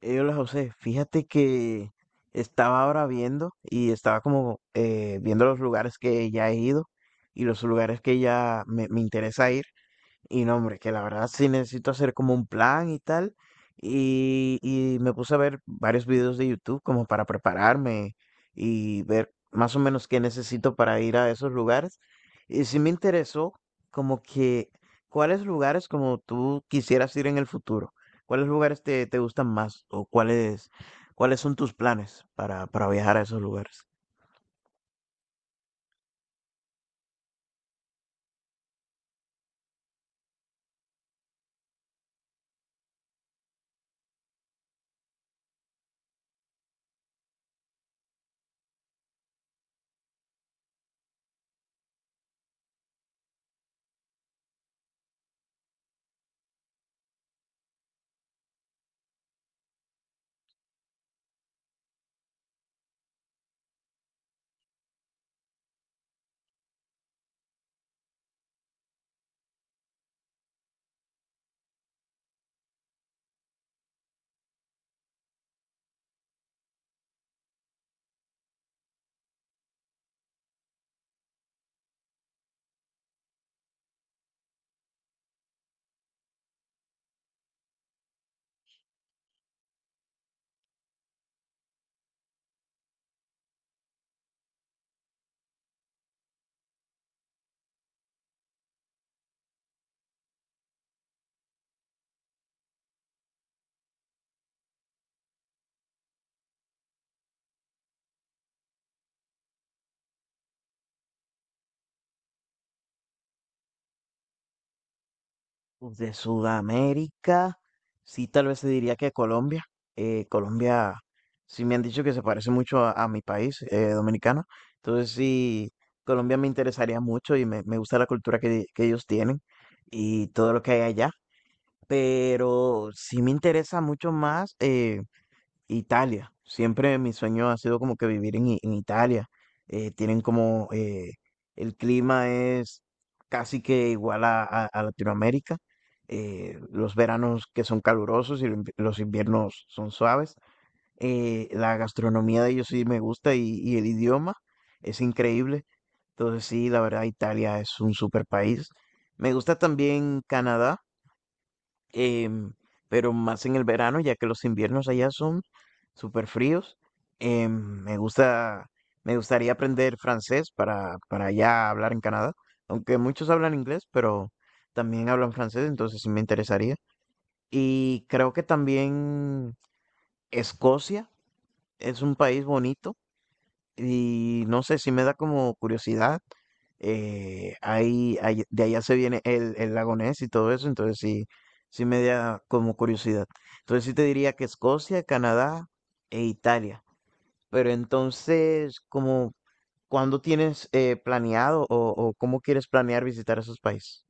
Hola José, fíjate que estaba ahora viendo y estaba como viendo los lugares que ya he ido y los lugares que ya me interesa ir. Y no, hombre, que la verdad sí necesito hacer como un plan y tal. Y me puse a ver varios videos de YouTube como para prepararme y ver más o menos qué necesito para ir a esos lugares. Y sí me interesó como que cuáles lugares como tú quisieras ir en el futuro, cuáles lugares te gustan más o cuáles son tus planes para viajar a esos lugares. Uf, de Sudamérica, sí, tal vez se diría que Colombia. Colombia, sí me han dicho que se parece mucho a mi país, dominicano. Entonces sí, Colombia me interesaría mucho y me gusta la cultura que ellos tienen y todo lo que hay allá. Pero sí me interesa mucho más. Italia. Siempre mi sueño ha sido como que vivir en Italia. Tienen como el clima es casi que igual a Latinoamérica. Los veranos que son calurosos y los los inviernos son suaves. La gastronomía de ellos sí me gusta y el idioma es increíble. Entonces sí, la verdad Italia es un super país. Me gusta también Canadá, em, pero más en el verano, ya que los inviernos allá son súper fríos. Em, me gusta, Me gustaría aprender francés para ya hablar en Canadá, aunque muchos hablan inglés, pero también hablan francés, entonces sí me interesaría. Y creo que también Escocia es un país bonito y no sé, si me da como curiosidad. De allá se viene el lago Ness y todo eso, entonces sí, sí me da como curiosidad. Entonces sí te diría que Escocia, Canadá e Italia. Pero entonces, como, ¿cuándo tienes planeado o cómo quieres planear visitar esos países?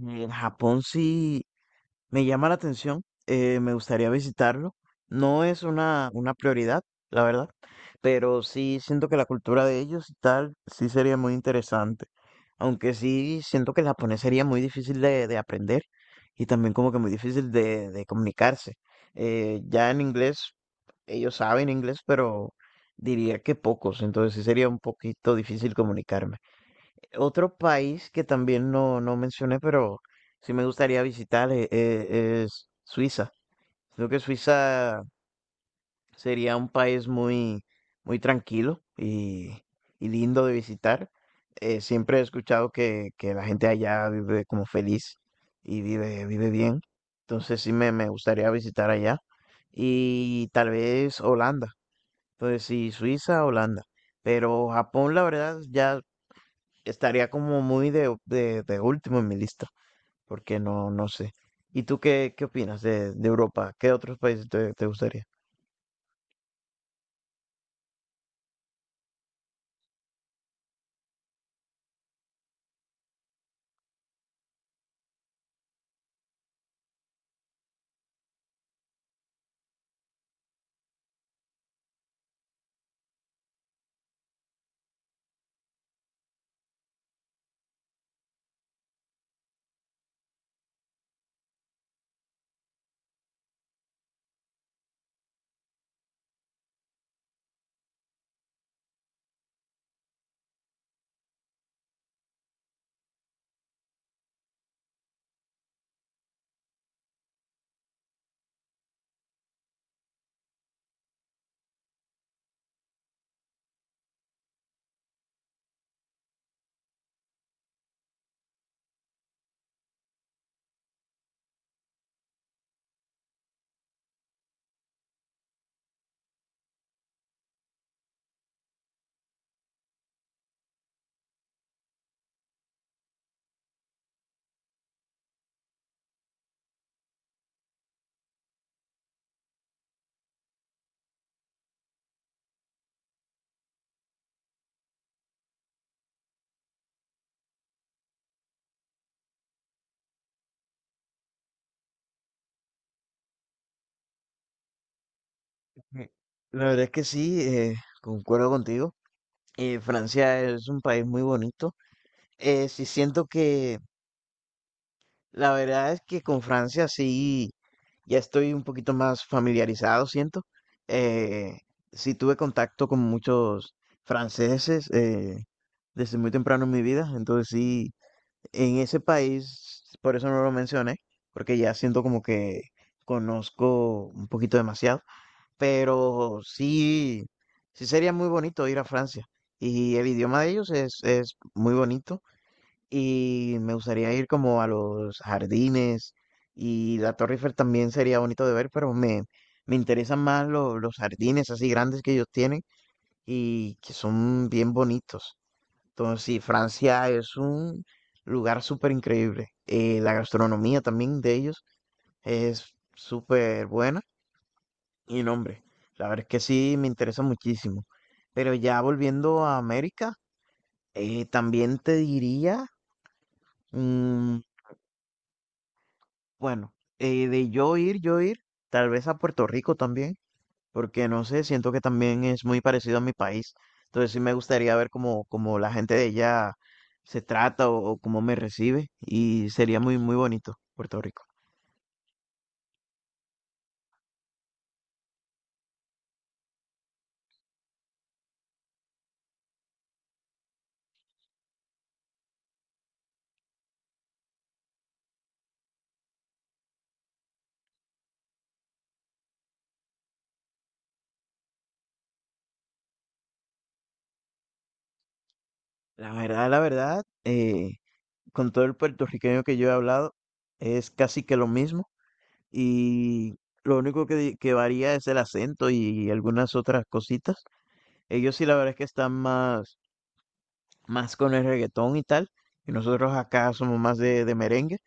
En Japón sí, me llama la atención, me gustaría visitarlo. No es una prioridad, la verdad, pero sí siento que la cultura de ellos y tal, sí sería muy interesante. Aunque sí siento que el japonés sería muy difícil de aprender y también como que muy difícil de comunicarse. Ya en inglés, ellos saben inglés, pero diría que pocos, entonces sí sería un poquito difícil comunicarme. Otro país que también no, no mencioné, pero sí me gustaría visitar es, Suiza. Creo que Suiza sería un país muy tranquilo y lindo de visitar. Siempre he escuchado que la gente allá vive como feliz y vive bien. Entonces sí me gustaría visitar allá. Y tal vez Holanda. Entonces sí, Suiza, Holanda. Pero Japón, la verdad, ya estaría como muy de último en mi lista, porque no, no sé. ¿Y tú qué opinas de Europa? ¿Qué otros países te gustaría? Mm, la verdad es que sí, concuerdo contigo. Francia es un país muy bonito. Sí siento que La verdad es que con Francia sí, ya estoy un poquito más familiarizado, siento. Eh, sí tuve contacto con muchos franceses desde muy temprano en mi vida, entonces sí, en ese país, por eso no lo mencioné, porque ya siento como que conozco un poquito demasiado, pero sí, sí sería muy bonito ir a Francia y el idioma de ellos es muy bonito y me gustaría ir como a los jardines y la Torre Eiffel también sería bonito de ver, pero me interesan más los jardines así grandes que ellos tienen y que son bien bonitos. Entonces, sí, Francia es un lugar súper increíble. La gastronomía también de ellos es súper buena y no, hombre, la verdad es que sí me interesa muchísimo. Pero ya volviendo a América, también te diría mm, bueno, yo ir, tal vez a Puerto Rico también, porque no sé, siento que también es muy parecido a mi país. Entonces sí me gustaría ver cómo la gente de ella se trata o cómo me recibe y sería muy bonito Puerto Rico. La verdad, con todo el puertorriqueño que yo he hablado, es casi que lo mismo y lo único que varía es el acento y algunas otras cositas. Ellos sí, la verdad es que están más, más con el reggaetón y tal, y nosotros acá somos más de merengue,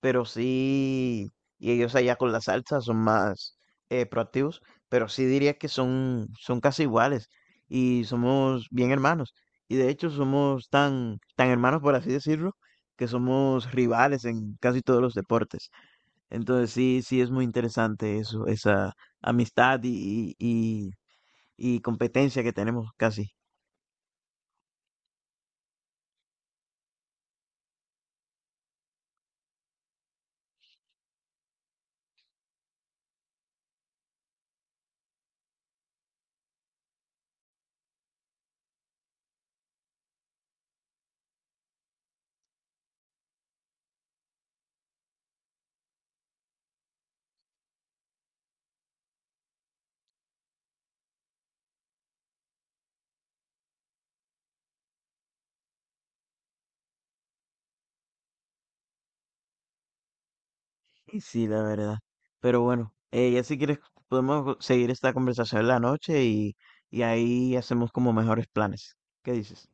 pero sí, y ellos allá con la salsa son más proactivos, pero sí diría que son, son casi iguales y somos bien hermanos. Y de hecho somos tan hermanos, por así decirlo, que somos rivales en casi todos los deportes. Entonces sí, sí es muy interesante eso, esa amistad y competencia que tenemos casi. Y sí, la verdad. Pero bueno, ya si quieres podemos seguir esta conversación en la noche y ahí hacemos como mejores planes. ¿Qué dices?